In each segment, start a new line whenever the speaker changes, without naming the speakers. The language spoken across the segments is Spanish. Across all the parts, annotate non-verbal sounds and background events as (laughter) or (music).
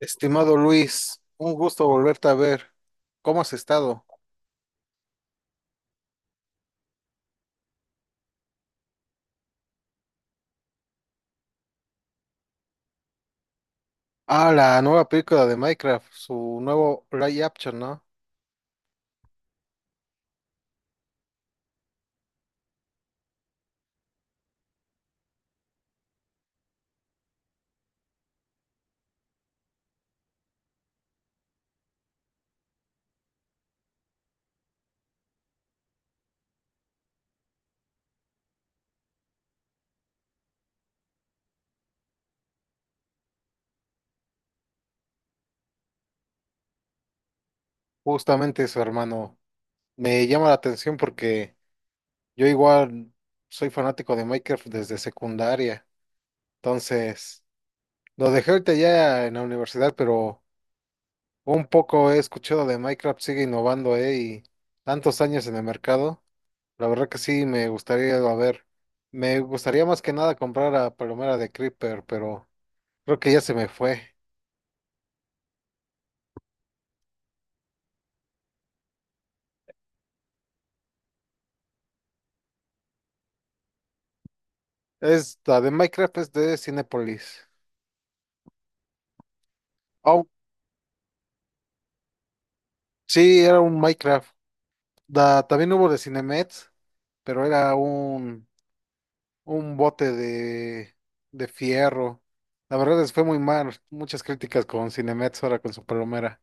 Estimado Luis, un gusto volverte a ver. ¿Cómo has estado? Ah, la nueva película de Minecraft, su nuevo live action, ¿no? Justamente eso, hermano. Me llama la atención porque yo igual soy fanático de Minecraft desde secundaria. Entonces, lo dejé ahorita ya en la universidad, pero un poco he escuchado de Minecraft, sigue innovando, ¿eh? Y tantos años en el mercado. La verdad que sí, me gustaría, a ver, me gustaría más que nada comprar a Palomera de Creeper, pero creo que ya se me fue. Es la de Minecraft, es de Cinépolis. Oh, sí, era un Minecraft. Da- también hubo de Cinemex, pero era un bote de fierro. La verdad les fue muy mal, muchas críticas con Cinemex ahora con su Palomera.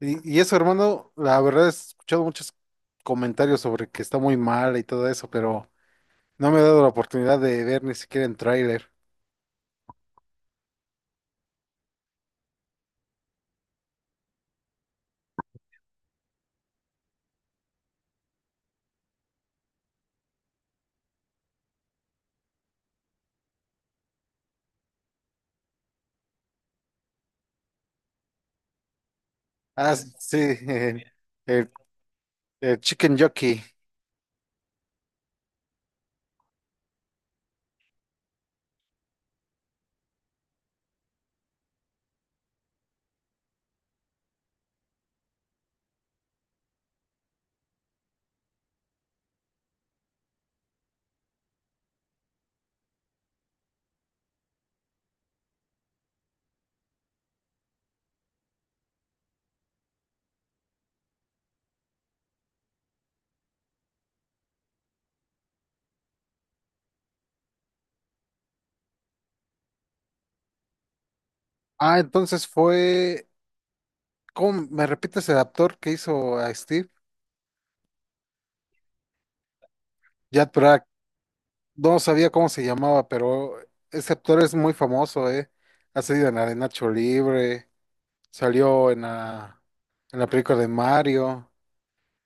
Y eso, hermano, la verdad he escuchado muchos comentarios sobre que está muy mal y todo eso, pero... No me he dado la oportunidad de ver ni siquiera en tráiler. Ah, sí, el- el Chicken Jockey. Ah, entonces fue. ¿Cómo me repites el actor que hizo a Steve? Jack Black. No sabía cómo se llamaba, pero ese actor es muy famoso, ¿eh? Ha salido en la de Nacho Libre, salió en en la película de Mario.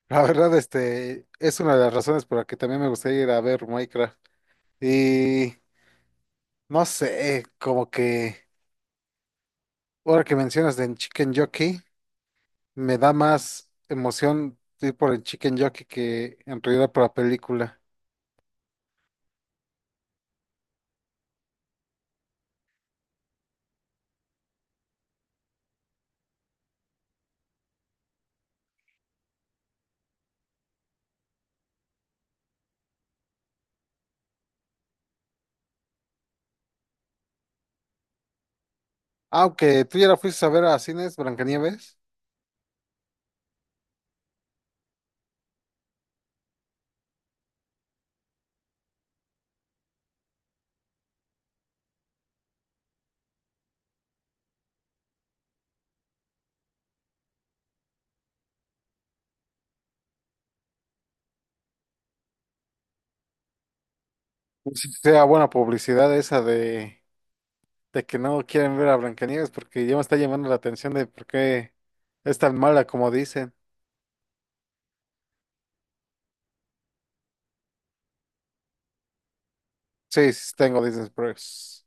La verdad, este, es una de las razones por la que también me gustaría ir a ver Minecraft. Y no sé, como que. Ahora que mencionas del Chicken Jockey, me da más emoción ir por el Chicken Jockey que en realidad por la película. Aunque tú ya la fuiste a ver a cines, Blancanieves, no si sea buena publicidad esa de que no quieren ver a Blancanieves porque ya me está llamando la atención de por qué es tan mala como dicen. Sí, sí tengo Disney Plus.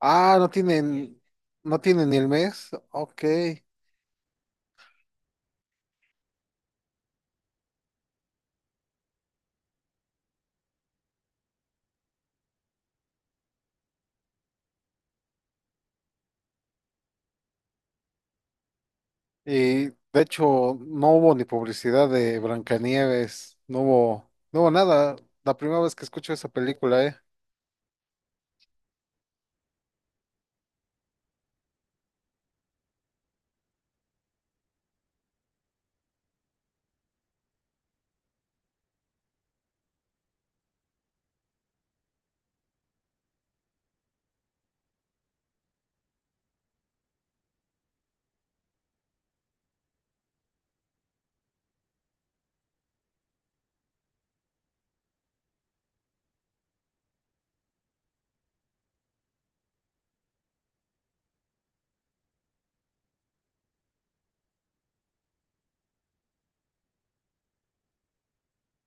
Ah, no tienen, no tienen ni el mes. Ok. Y de hecho, no hubo ni publicidad de Blancanieves, no hubo, no hubo nada. La primera vez que escucho esa película, ¿eh?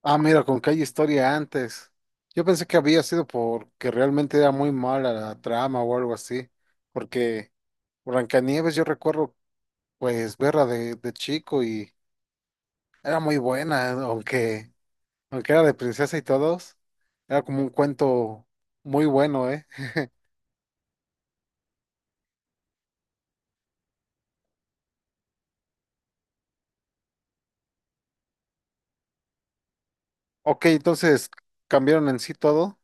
Ah, mira, con que hay historia antes. Yo pensé que había sido porque realmente era muy mala la trama o algo así. Porque Blancanieves, yo recuerdo, pues, verla de chico y era muy buena, aunque era de princesa y todos. Era como un cuento muy bueno, ¿eh? Ok, entonces cambiaron en sí todo.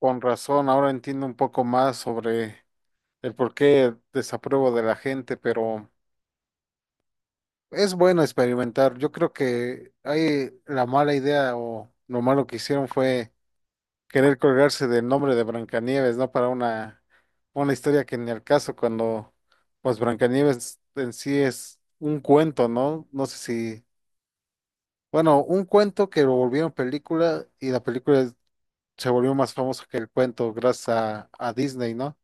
Con razón, ahora entiendo un poco más sobre el por qué desapruebo de la gente, pero es bueno experimentar. Yo creo que hay la mala idea o lo malo que hicieron fue querer colgarse del nombre de Brancanieves, ¿no? Para una historia que ni al caso, cuando pues Brancanieves en sí es un cuento, ¿no? No sé si, bueno, un cuento que lo volvieron película y la película se volvió más famosa que el cuento gracias a Disney, ¿no?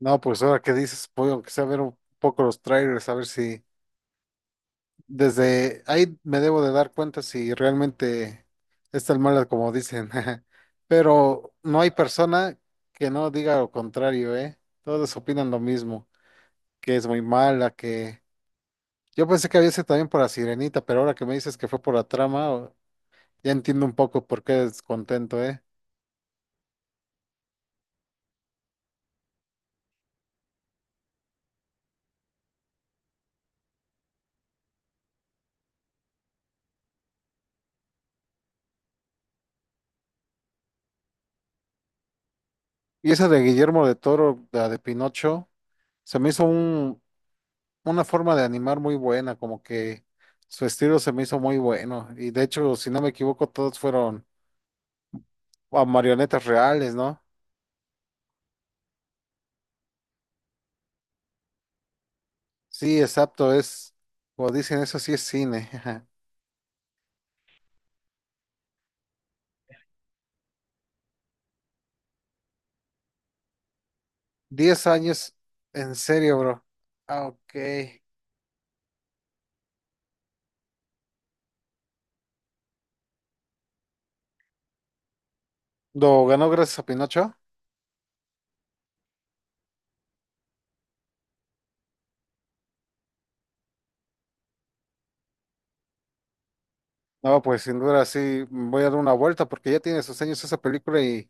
No, pues ahora que dices, puedo que sea ver un poco los trailers, a ver si desde ahí me debo de dar cuenta si realmente es tan mala como dicen. (laughs) Pero no hay persona que no diga lo contrario, ¿eh? Todos opinan lo mismo, que es muy mala, que yo pensé que había sido también por la Sirenita, pero ahora que me dices que fue por la trama, o- ya entiendo un poco por qué descontento, ¿eh? Y esa de Guillermo de Toro, la de Pinocho, se me hizo un una forma de animar muy buena, como que su estilo se me hizo muy bueno. Y de hecho, si no me equivoco, todos fueron ah, marionetas reales, ¿no? Sí, exacto, es, como dicen, eso sí es cine. (laughs) 10 años, en serio, bro. Ah, ok. ¿Lo ganó gracias a Pinocho? No, pues sin duda sí, voy a dar una vuelta porque ya tiene sus años esa película y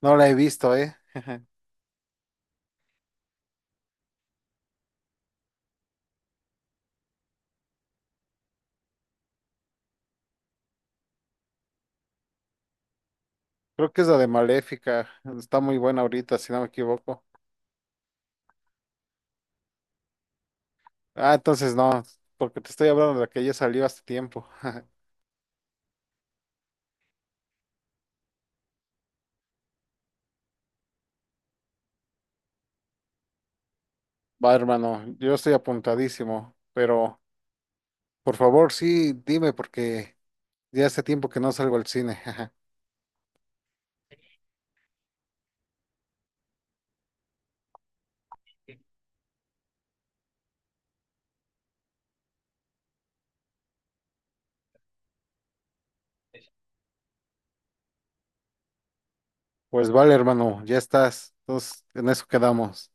no la he visto, ¿eh? (laughs) Creo que es la de Maléfica, está muy buena ahorita, si no me equivoco. Ah, entonces no, porque te estoy hablando de la que ya salió hace tiempo. (laughs) Va, hermano, yo estoy apuntadísimo, pero por favor, sí, dime, porque ya hace tiempo que no salgo al cine. (laughs) Pues vale, hermano, ya estás. Entonces, en eso quedamos.